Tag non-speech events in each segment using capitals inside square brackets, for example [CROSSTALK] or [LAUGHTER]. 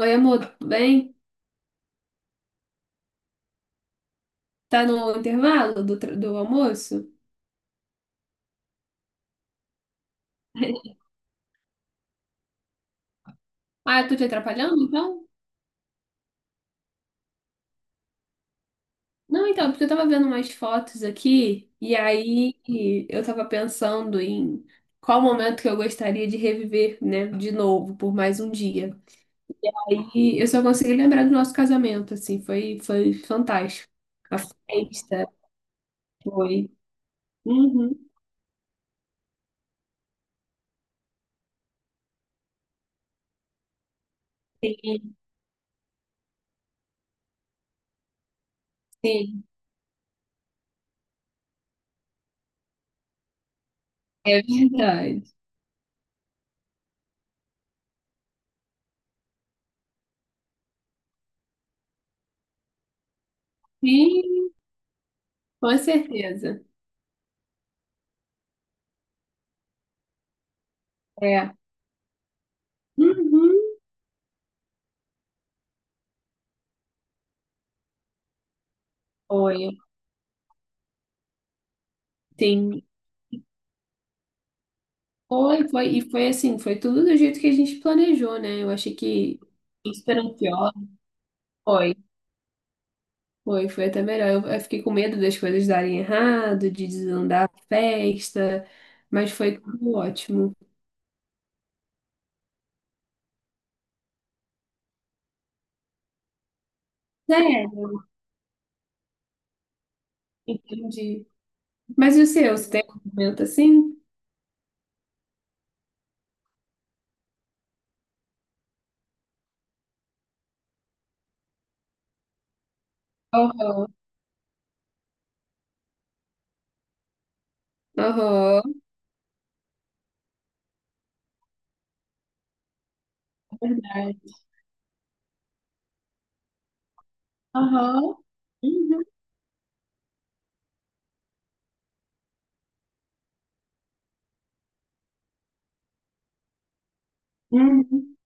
Oi, amor, tudo bem? Tá no intervalo do almoço? [LAUGHS] Ah, eu tô te atrapalhando, então? Não, então, porque eu tava vendo umas fotos aqui e aí eu tava pensando em qual momento que eu gostaria de reviver, né, de novo, por mais um dia. E eu só consegui lembrar do nosso casamento, assim, foi fantástico. A festa foi. Uhum. Sim, sim, é verdade. Sim, com certeza. É. Uhum. Foi. Sim. Foi, foi, e foi assim, foi tudo do jeito que a gente planejou, né? Eu achei que esperando pior. Foi, foi, foi até melhor. Eu fiquei com medo das coisas darem errado, de desandar a festa, mas foi tudo ótimo. Sério, entendi. Mas e o seu, você tem um momento assim? Aham, aham, verdade. Aham, uhum, uhum.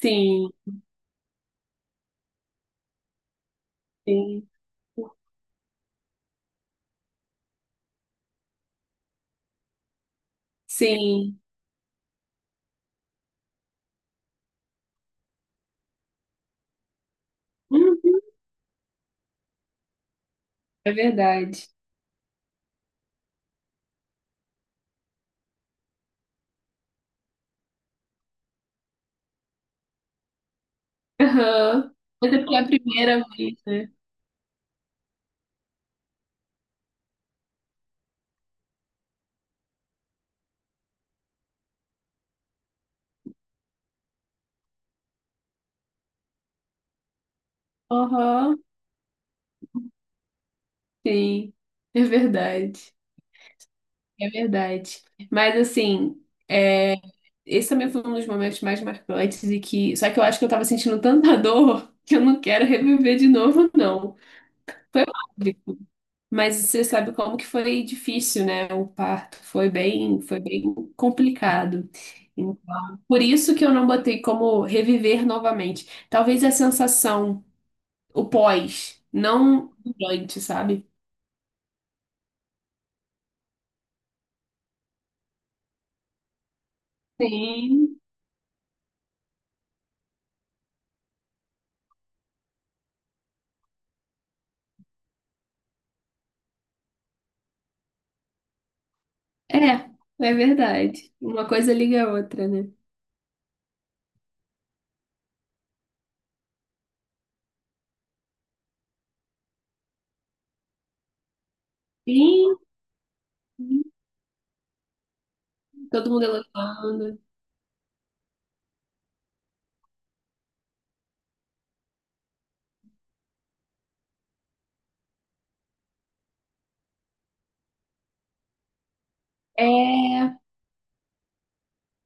Sim, sim, sim, uhum. É verdade. Aham. Mas é porque é a primeira vez, né? Aham. Sim, é verdade. É verdade. Mas assim, é, esse também foi um dos momentos mais marcantes e que. Só que eu acho que eu tava sentindo tanta [LAUGHS] dor que eu não quero reviver de novo, não. Foi mágico. Mas você sabe como que foi difícil, né? O parto foi bem complicado. Então, por isso que eu não botei como reviver novamente. Talvez a sensação. O pós, não durante, sabe? Sim. É, é verdade. Uma coisa liga a outra, né? Sim. Sim. Todo mundo elogiando. É,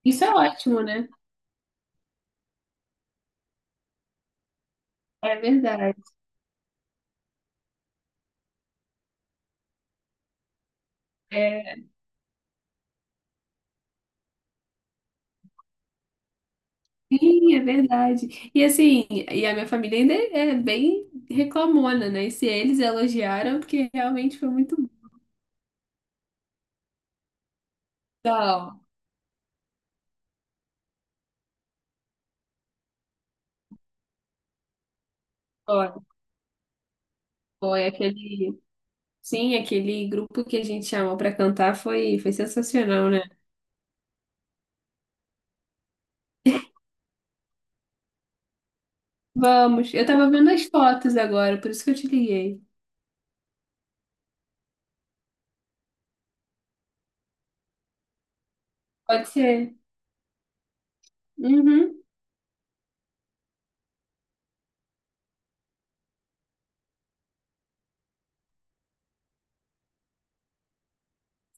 isso é ótimo, né? É verdade. É, sim, é verdade. E assim, e a minha família ainda é bem reclamona, né? E se eles elogiaram, porque realmente foi muito bom. Então, Foi, foi aquele, sim, aquele grupo que a gente chamou pra cantar foi sensacional, né? Vamos, eu tava vendo as fotos agora, por isso que eu te liguei. Pode ser? Uhum.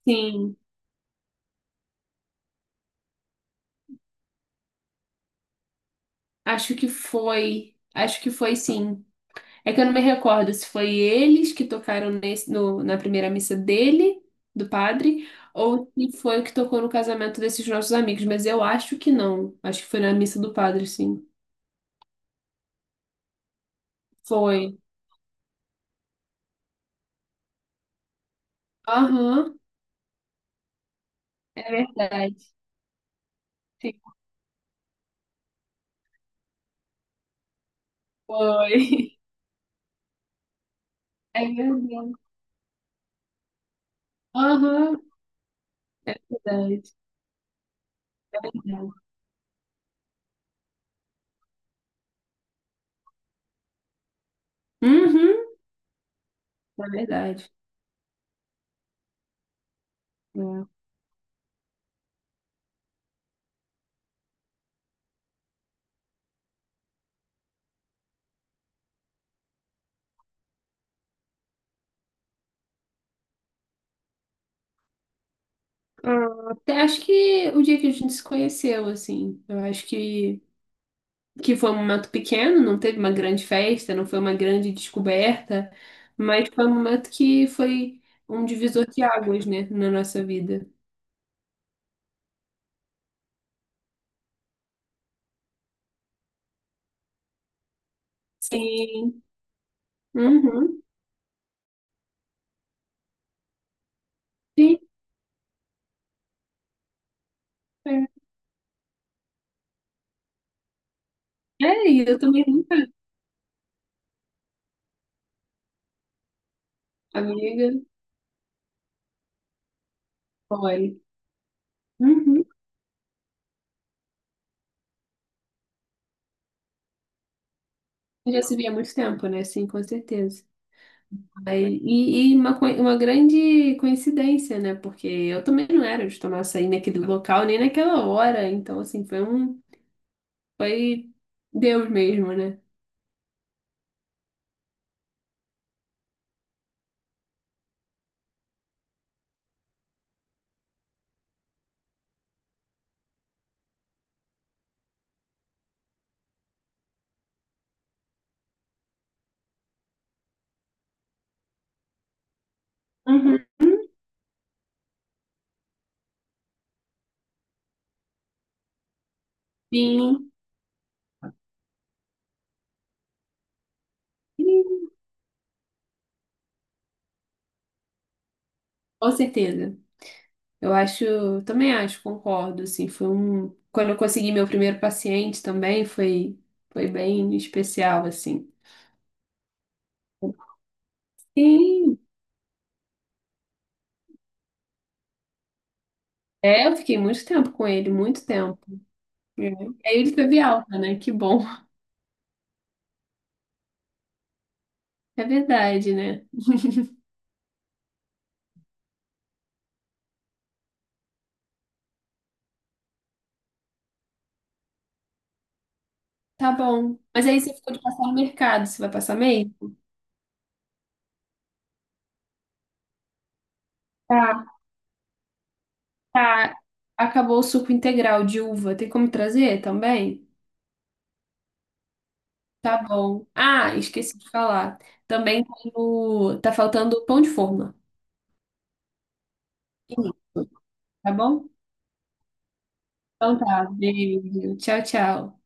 Sim, acho que foi. Acho que foi sim. É que eu não me recordo se foi eles que tocaram nesse, no, na primeira missa dele, do padre, ou se foi o que tocou no casamento desses nossos amigos, mas eu acho que não. Acho que foi na missa do padre, sim. Foi. Aham, é verdade. Sim, foi. [LAUGHS] É verdade. Aham, é verdade. Uhum, é verdade. É. Ah, até acho que o dia que a gente se conheceu, assim, eu acho que foi um momento pequeno, não teve uma grande festa, não foi uma grande descoberta, mas foi um momento que foi um divisor de águas, né, na nossa vida. Sim. Uhum. Sim. É, É, e eu também, amiga, olha. Uhum. Já se via há muito tempo, né? Sim, com certeza. E uma grande coincidência, né? Porque eu também não era de tomar açaí naquele local, nem naquela hora. Então, assim, Foi Deus mesmo, né? Uhum. Sim, com certeza. Eu acho. Também acho, concordo, assim. Quando eu consegui meu primeiro paciente também, foi bem especial, assim. Sim. É, eu fiquei muito tempo com ele, muito tempo. É. E aí ele teve alta, né? Que bom. [LAUGHS] É verdade, né? Tá bom. Mas aí você ficou de passar no mercado, você vai passar meio? Tá. Tá. Acabou o suco integral de uva. Tem como trazer também? Tá bom. Ah, esqueci de falar. Também tá faltando o pão de forma. Isso. Tá bom? Então tá. Beijo. Tchau, tchau.